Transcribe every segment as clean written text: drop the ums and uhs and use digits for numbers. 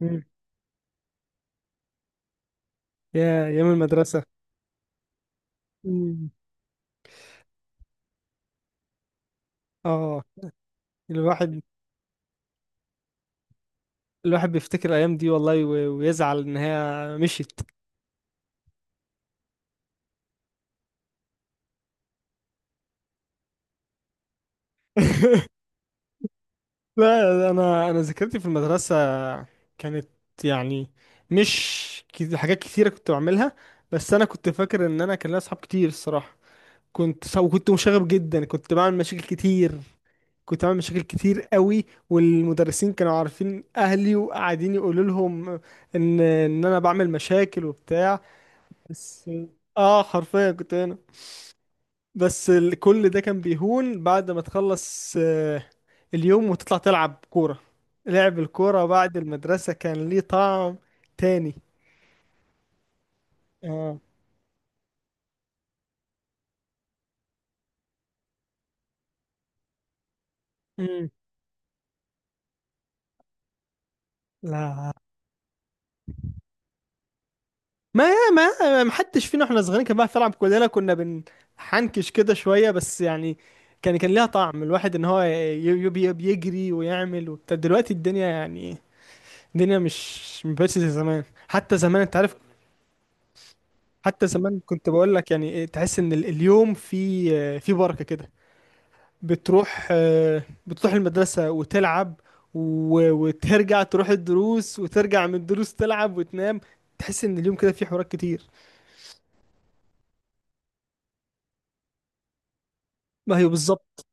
مم. يا أيام المدرسة. مم. اه، الواحد الواحد بيفتكر الأيام دي والله ويزعل إن هي مشيت. لا، أنا ذاكرتي في المدرسة كانت يعني مش حاجات كتيرة كنت بعملها. بس أنا كنت فاكر إن أنا كان لي أصحاب كتير الصراحة. وكنت مشاغب جدا، كنت بعمل مشاكل كتير. كنت بعمل مشاكل كتير قوي. والمدرسين كانوا عارفين أهلي وقاعدين يقولوا لهم إن أنا بعمل مشاكل وبتاع. بس اه حرفيا كنت هنا. بس كل ده كان بيهون بعد ما تخلص اليوم وتطلع تلعب كورة. لعب الكورة بعد المدرسة كان ليه طعم تاني. اه. مم. لا، ما ما حدش فينا احنا صغيرين كان بيعرف يلعب، كلنا كنا بنحنكش كده شوية بس يعني كان ليها طعم، الواحد ان هو بيجري ويعمل وبتاع. دلوقتي الدنيا يعني الدنيا مش مبقتش زي زمان. حتى زمان انت عارف، حتى زمان كنت بقول لك يعني إيه، تحس ان اليوم في بركة كده. بتروح المدرسة وتلعب وترجع تروح الدروس، وترجع من الدروس تلعب وتنام. تحس ان اليوم كده فيه حوارات كتير. ما هي بالظبط.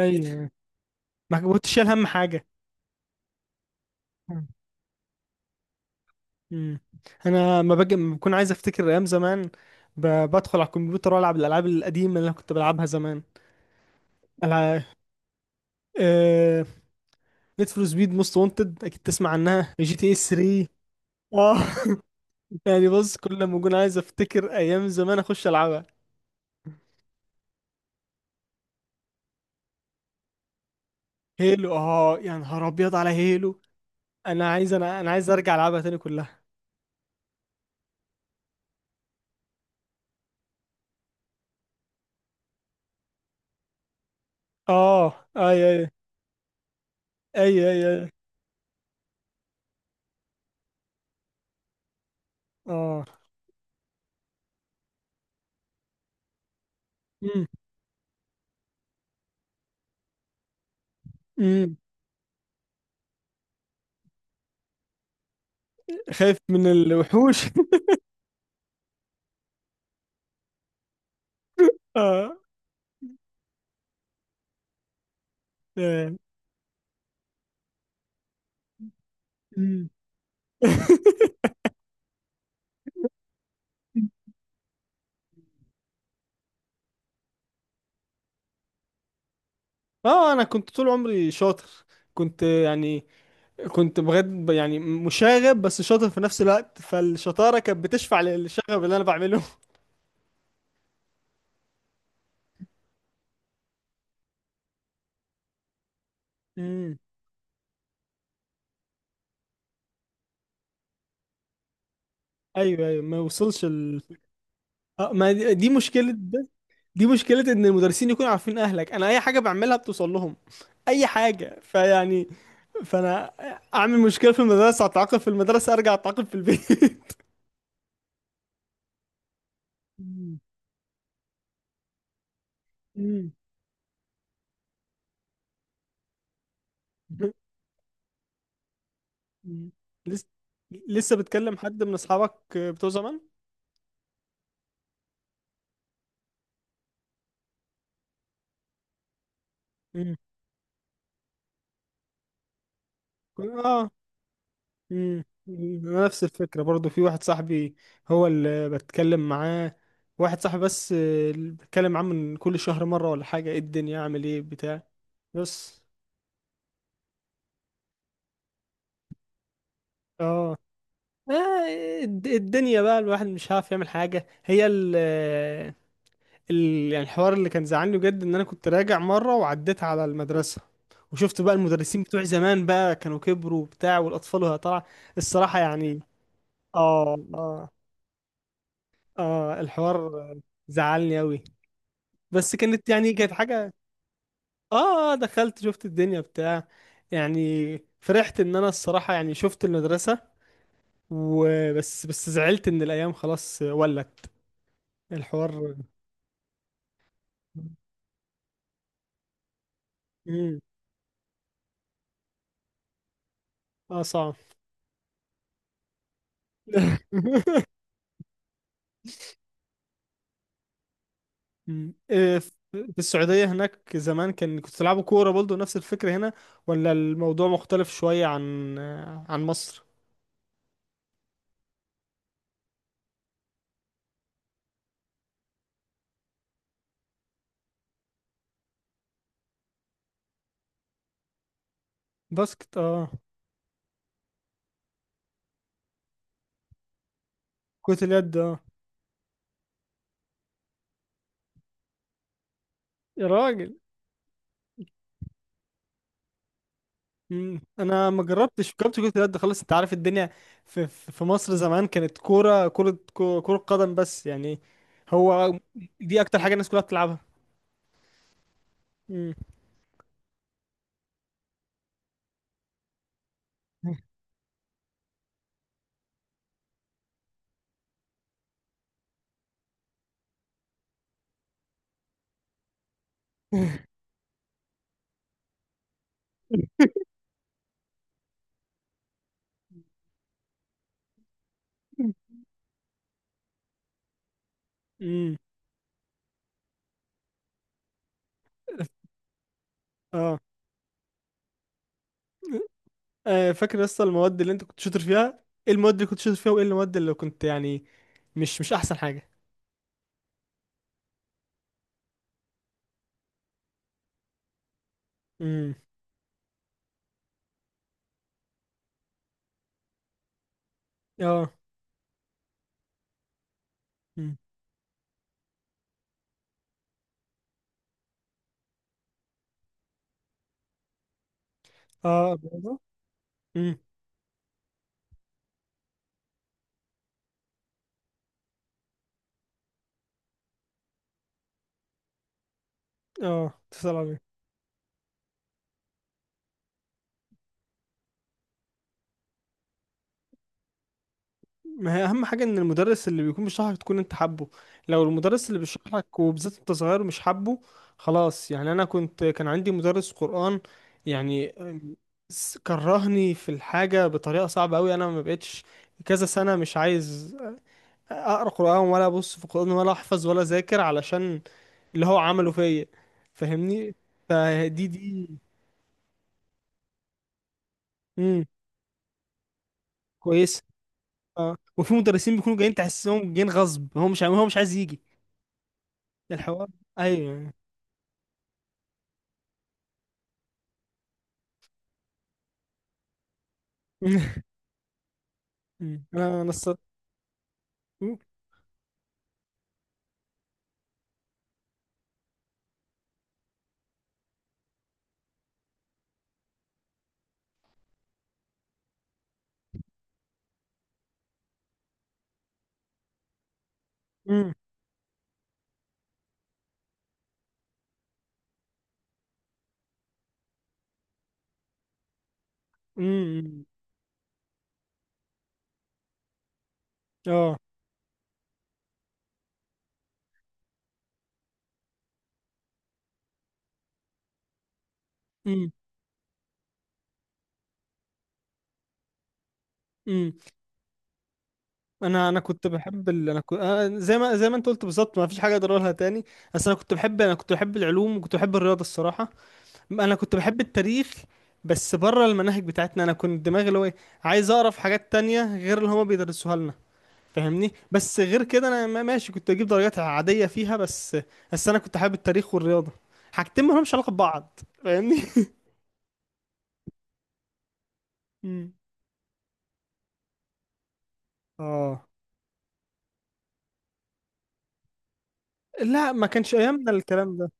ايوه، ما كنتش شايل هم حاجة. مم. انا ما باجي ما بكون عايز افتكر ايام زمان، بدخل على الكمبيوتر والعب الالعاب القديمة اللي انا كنت بلعبها زمان. ألع- آه، نيد فور سبيد موست وانتد، اكيد تسمع عنها جي تي اس 3. اه. يعني بص، كل ما اكون عايز افتكر ايام زمان اخش العبها. هيلو. اه، يا نهار ابيض على هيلو. انا عايز ارجع العبها تاني كلها. اه، اي اي اي اي اي. اه. امم امم خايف من الوحوش. اه. آه. أمم. اه. انا كنت طول عمري شاطر، كنت يعني كنت بجد يعني مشاغب بس شاطر في نفس الوقت، فالشطاره كانت بتشفع للشغب اللي انا بعمله. امم. ايوه، ايوه، ما وصلش. اه، ما دي مشكلة ده. دي مشكلة ان المدرسين يكونوا عارفين اهلك، انا اي حاجة بعملها بتوصل لهم. اي حاجة، فيعني، فانا اعمل مشكلة في المدرسة، اتعاقب في المدرسة، ارجع اتعاقب في البيت. مم. مم. مم. لسه لسه بتكلم حد من اصحابك بتوع زمان؟ مم. اه. مم. نفس الفكرة برضو، في واحد صاحبي هو اللي بتكلم معاه، واحد صاحبي بس اللي بتكلم معاه من كل شهر مرة ولا حاجة، ايه الدنيا، اعمل ايه، بتاع. بس. اه. آه، الدنيا بقى الواحد مش عارف يعمل حاجة، هي يعني الحوار اللي كان زعلني بجد ان انا كنت راجع مرة وعديت على المدرسة، وشفت بقى المدرسين بتوع زمان بقى كانوا كبروا وبتاع، والاطفال وهي طالعة. الصراحة يعني. اه اه اه، الحوار زعلني أوي. بس كانت يعني كانت حاجة. اه. دخلت شفت الدنيا بتاع. يعني فرحت ان انا الصراحة يعني شفت المدرسة، وبس زعلت ان الايام خلاص ولت. الحوار. مم. اه، صعب. مم. في السعودية هناك زمان كان كنت تلعبوا كورة برضه نفس الفكرة هنا، ولا الموضوع مختلف شوية عن مصر؟ باسكت. اه. كرة اليد. اه. يا راجل. مم. انا ما جربتش، جربت كره اليد خالص، انت عارف الدنيا. في مصر زمان كانت كره قدم بس يعني. هو دي اكتر حاجه الناس كلها بتلعبها. مم. مم. اه. فاكر لسه المواد اللي انت كنت شاطر فيها؟ ايه المواد اللي كنت شاطر فيها وايه المواد اللي كنت يعني مش احسن حاجه؟ امم. اه. امم. اه. الرياضة؟ امم. اه. تسأل على. ما هي اهم حاجه ان المدرس اللي بيكون بيشرح لك تكون انت حابه. لو المدرس اللي بيشرح لك وبالذات انت صغير مش حابه، خلاص يعني. انا كان عندي مدرس قرآن يعني كرهني في الحاجه بطريقه صعبه قوي، انا ما بقتش كذا سنه مش عايز اقرا قرآن ولا ابص في القرآن ولا احفظ ولا اذاكر علشان اللي هو عمله فيا. فاهمني. فدي. امم. كويس. اه، وفي مدرسين بيكونوا جايين تحسهم جايين غصب، هو مش عايز يجي. الحوار. ايوه. مم. مم. انا مم. مم. مم. اه. مم. مم. انا كنت بحب زي ما انت قلت بالظبط، ما فيش حاجه اقدر اقولها تاني. بس انا كنت بحب العلوم وكنت بحب الرياضه الصراحه. انا كنت بحب التاريخ بس بره المناهج بتاعتنا، انا كنت دماغي اللي هو عايز اقرا في حاجات تانية غير اللي هما بيدرسوها لنا. فاهمني. بس غير كده انا ماشي، كنت اجيب درجات عاديه فيها، بس انا كنت حابب التاريخ والرياضه، حاجتين ما لهمش علاقه ببعض، فاهمني. مم. اه، لا، ما كانش ايامنا الكلام ده.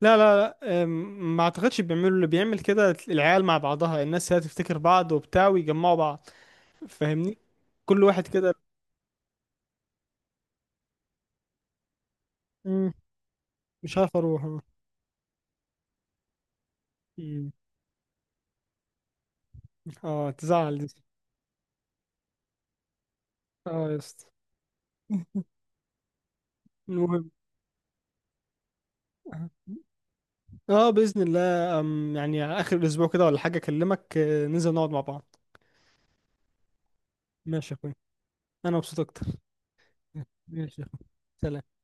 لا لا لا. ما اعتقدش بيعملوا، اللي بيعمل كده العيال مع بعضها، الناس هي تفتكر بعض وبتاع ويجمعوا بعض، فاهمني. كل واحد كده. مم. مش عارف اروح. اه. مم. تزعل دي. اه، يا اسطى. المهم اه باذن الله، يعني على اخر الاسبوع كده ولا حاجه، اكلمك، ننزل نقعد مع بعض. ماشي يا اخويا. انا مبسوط اكتر. ماشي يا اخويا. سلام.